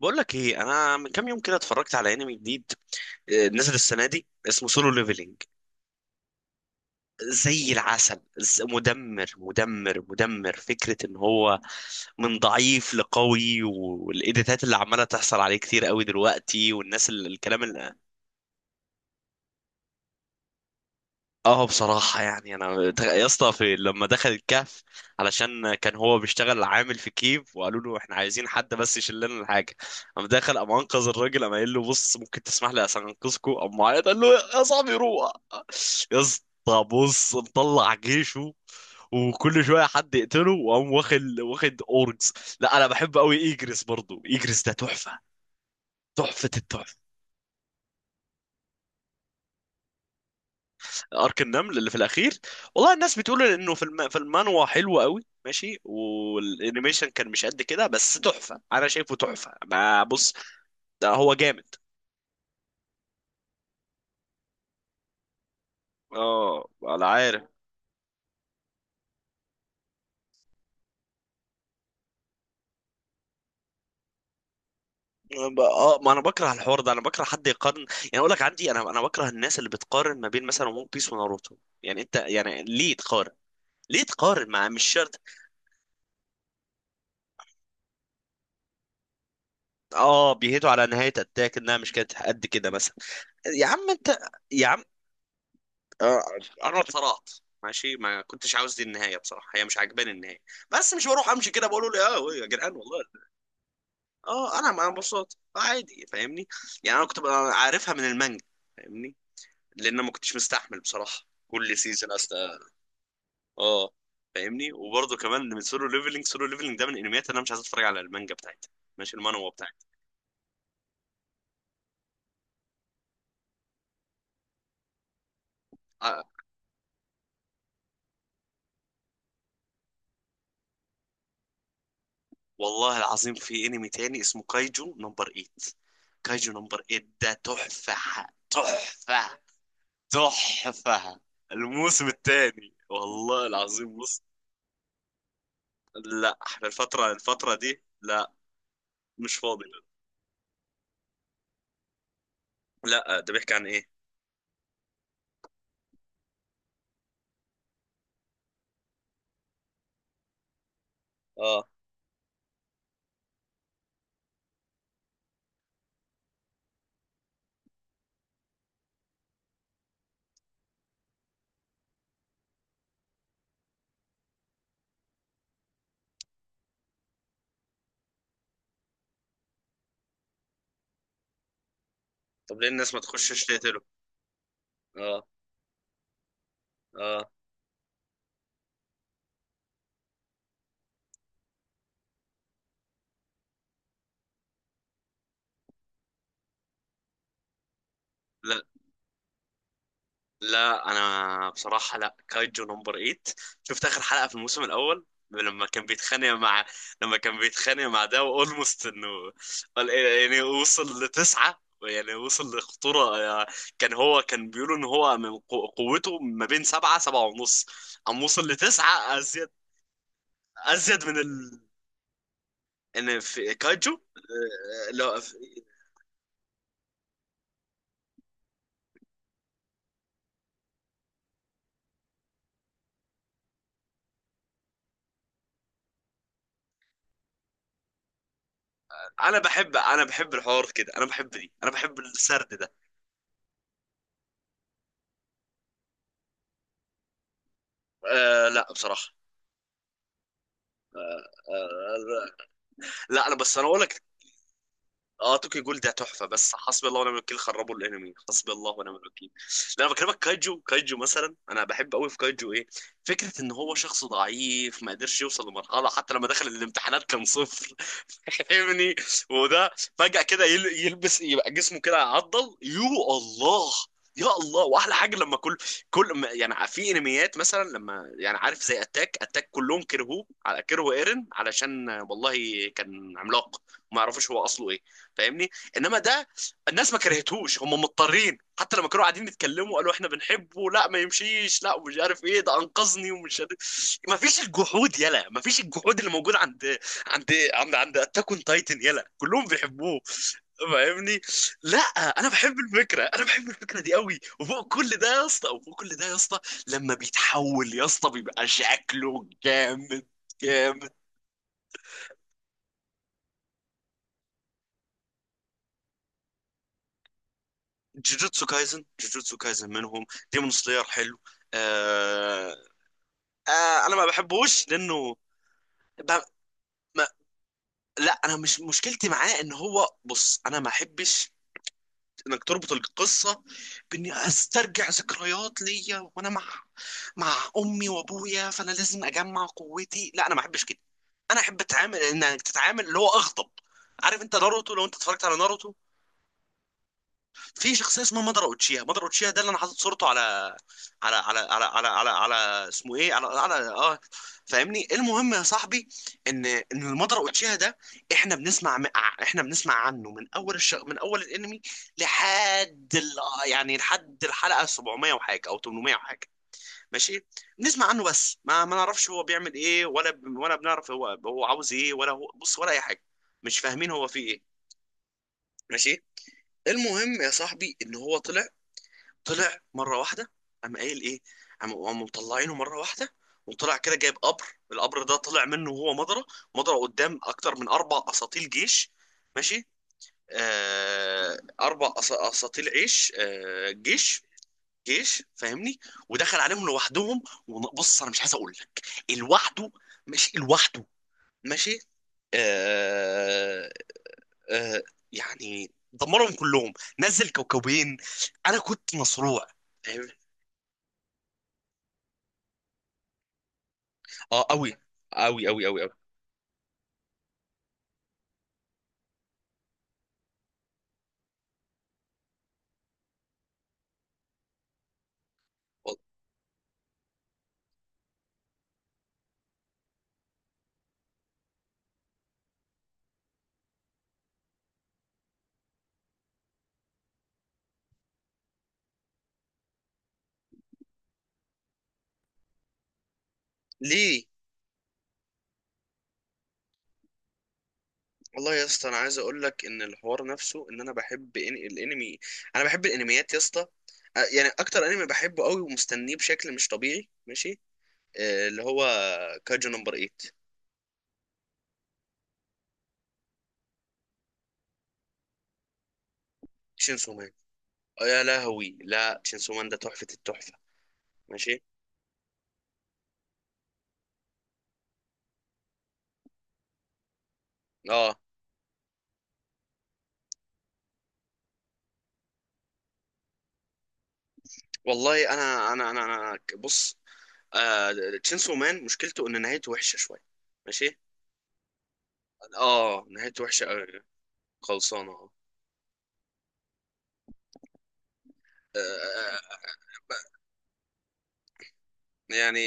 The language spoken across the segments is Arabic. بقول لك ايه؟ انا من كام يوم كده اتفرجت على انمي جديد. نزل السنه دي اسمه سولو ليفلينج، زي العسل. مدمر مدمر مدمر فكره ان هو من ضعيف لقوي، والايديتات اللي عماله تحصل عليه كتير قوي دلوقتي، والناس اللي الكلام. اه بصراحة يعني يا اسطى، في لما دخل الكهف علشان كان هو بيشتغل عامل في كيف، وقالوا له احنا عايزين حد بس يشيل لنا الحاجة، قام دخل، قام انقذ الراجل، قام قايل له بص ممكن تسمح لي عشان انقذكوا، قام معيط قال له يا صاحبي روح. يا اسطى بص مطلع جيشه، وكل شوية حد يقتله، وقام واخد اورجز. لا انا بحب قوي ايجريس، برضو ايجريس ده تحفة، تحفة التحفة. ارك النمل اللي في الاخير، والله الناس بتقول انه في المانوا حلو قوي، ماشي، والانيميشن كان مش قد كده بس تحفه، انا شايفه تحفه. ما بص، ده هو جامد. اه انا عارف. اه، ما انا بكره الحوار ده، انا بكره حد يقارن. يعني اقول لك عندي، انا بكره الناس اللي بتقارن ما بين مثلا ون بيس وناروتو. يعني انت يعني ليه تقارن؟ ليه تقارن؟ مع مش شرط. اه بيهيتوا على نهايه اتاك انها مش كانت قد كده مثلا. يا عم انت، يا عم. آه، قرب صلات، ماشي ما كنتش عاوز دي النهايه بصراحه، هي مش عاجباني النهايه، بس مش بروح امشي كده بقول له اه يا جدعان والله. اه انا مبسوط، عادي فاهمني. يعني انا كنت ببقى عارفها من المانجا، فاهمني. لان أنا ما كنتش مستحمل بصراحه كل سيزون اصلا. اه فاهمني، وبرضه كمان من سولو ليفلنج. سولو ليفلنج ده من الانميات اللي انا مش عايز اتفرج على المانجا بتاعتها، ماشي المانوا بتاعتها. آه. والله العظيم في انمي تاني اسمه كايجو نمبر 8. كايجو نمبر 8 ده تحفه تحفه تحفة. الموسم الثاني والله العظيم بص. لا احنا الفترة، الفترة دي لا، مش فاضي. لا ده بيحكي عن ايه؟ اه، طب ليه الناس ما تخشش تقتله؟ اه اه. لا لا انا بصراحه، لا كايجو نمبر 8، شفت اخر حلقه في الموسم الاول لما كان بيتخانق مع، لما كان بيتخانق مع ده اولموست انه يعني وصل لتسعة، يعني وصل لخطورة، يعني كان هو كان بيقولوا ان هو من قوته ما بين 7، 7.5، قام وصل لتسعة ازيد، ازيد من ال، ان في كايجو. لو انا بحب، انا بحب الحوار كده، انا بحب دي، انا بحب السرد ده. آه لا بصراحة. آه، لا انا بس انا اقول لك اه، توكي جول ده تحفه بس حسبي الله ونعم الوكيل، خربوا الانمي حسبي الله ونعم الوكيل. لا انا بكلمك كايجو، كايجو مثلا، انا بحب قوي في كايجو ايه، فكره ان هو شخص ضعيف ما قدرش يوصل لمرحله، حتى لما دخل الامتحانات كان صفر فاهمني. وده فجاه كده يلبس يبقى جسمه كده عضل. يو الله، يا الله. واحلى حاجه لما كل، يعني في انميات مثلا لما، يعني عارف زي اتاك، اتاك كلهم كرهوه، على كرهوا ايرن علشان والله كان عملاق، ما يعرفوش هو اصله ايه، فاهمني. انما ده الناس ما كرهتهوش، هم مضطرين، حتى لما كانوا قاعدين يتكلموا قالوا احنا بنحبه، لا ما يمشيش، لا ومش عارف ايه ده انقذني ومش عارف ايه. ما فيش الجحود يلا، ما فيش الجحود اللي موجود عند عند اتاك اون تايتن يلا، كلهم بيحبوه. فاهمني، لا انا بحب الفكره، انا بحب الفكره دي قوي، وفوق كل ده يا اسطى، وفوق كل ده يا اسطى لما بيتحول يا اسطى بيبقى شكله جامد، جامد. جوجوتسو كايزن، جوجوتسو كايزن منهم. ديمون سلاير حلو. آه... انا ما بحبوش لانه، ب... ما... لا انا مش مشكلتي معاه ان هو، بص انا ما احبش انك تربط القصه باني استرجع ذكريات ليا وانا مع، مع امي وابويا، فانا لازم اجمع قوتي. لا انا ما احبش كده. انا احب اتعامل، انك تتعامل اللي هو اغضب. عارف انت ناروتو، لو انت اتفرجت على ناروتو، في شخصيه اسمها مادارا اوتشيها، مادارا اوتشيها ده اللي انا حاطط صورته على، على اسمه ايه على. فاهمني، المهم يا صاحبي ان المادارا اوتشيها ده، احنا بنسمع عنه من من اول الانمي لحد يعني لحد الحلقه 700 وحاجه او 800 وحاجه، ماشي. بنسمع عنه بس ما نعرفش هو بيعمل ايه، ولا بنعرف هو عاوز ايه، ولا هو بص، ولا اي حاجه، مش فاهمين هو فيه ايه، ماشي. المهم يا صاحبي ان هو طلع مره واحده، قام قايل ايه، قام قاموا مطلعينه مره واحده، وطلع كده جايب قبر. القبر ده طلع منه وهو مضرة، مضرة قدام اكتر من 4 اساطيل جيش، ماشي. آه، اربع اساطيل عيش جيش، جيش فاهمني. ودخل عليهم لوحدهم. وبص انا مش عايز اقول لك، لوحده، ماشي لوحده، ماشي. آه آه يعني دمرهم كلهم، نزل كوكبين، انا كنت مصروع. اه قوي، قوي قوي قوي قوي وال- ليه. والله يا اسطى انا عايز اقول لك ان الحوار نفسه، ان انا بحب الانمي. انا بحب الانميات يا اسطى. يعني اكتر انمي بحبه قوي ومستنيه بشكل مش طبيعي ماشي، اللي هو كاجو نمبر 8. شينسو مان، يا لهوي، لا شينسو مان ده تحفة التحفة. ماشي اه والله بص، آه تشينسو مان مشكلته ان نهايته وحشه شويه، ماشي. اه نهايته وحشه قوي. خلصانه اه. آه، آه، يعني،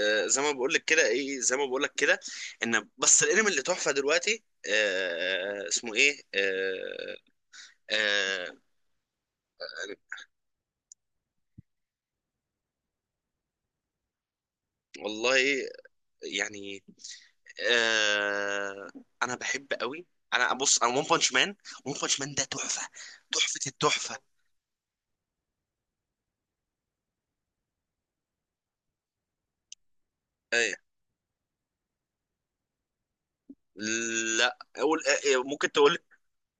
زي ما بقول لك كده ايه، زي ما بقول لك كده، ان بس الانمي اللي تحفه دلوقتي، اسمه ايه. آه والله يعني، آه انا بحب قوي. انا بص، انا ون بانش مان، ون بانش مان ده تحفه، تحفه التحفه. ايه؟ لا اقول ممكن تقول.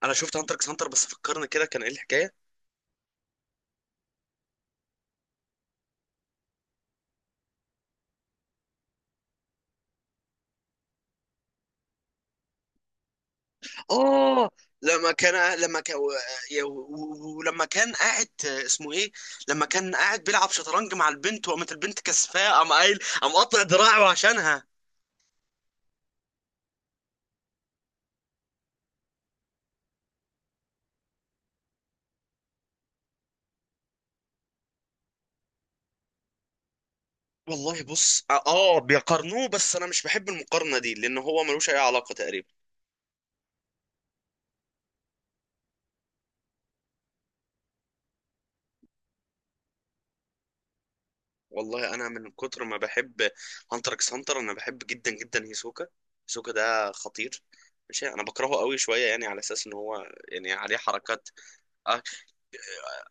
انا شفت هانتر اكس هانتر بس فكرني كده، كان ايه الحكايه؟ اه لما كان، لما كان، ولما كان قاعد اسمه ايه، لما كان قاعد بيلعب شطرنج مع البنت وقامت البنت كسفاه، قام قايل، قام قطع دراعه عشانها. والله بص اه، بيقارنوه بس انا مش بحب المقارنه دي، لان هو ملوش اي علاقه تقريبا. والله انا من كتر ما بحب هانتر اكس هانتر، انا بحب جدا جدا هيسوكا، هيسوكا ده خطير، ماشي. انا بكرهه قوي شويه يعني على اساس ان هو، يعني عليه حركات.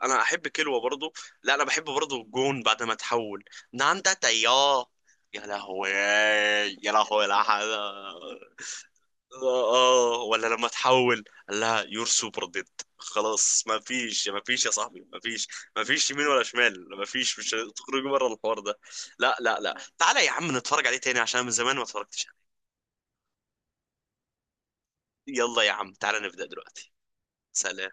انا احب كلوة برضو. لا انا بحب برضو الجون بعد ما تحول، ناندا تياه، يا لهوي. يا لهوي لا حول. اه ولا لما تحول قال لها يور سوبر ديد، خلاص ما فيش، ما فيش يا صاحبي، ما فيش، ما فيش يمين ولا شمال، ما فيش مش تخرجوا بره الحوار ده. لا لا لا تعالى يا عم نتفرج عليه تاني عشان من زمان ما اتفرجتش عليه. يلا يا عم تعالى نبدأ دلوقتي. سلام.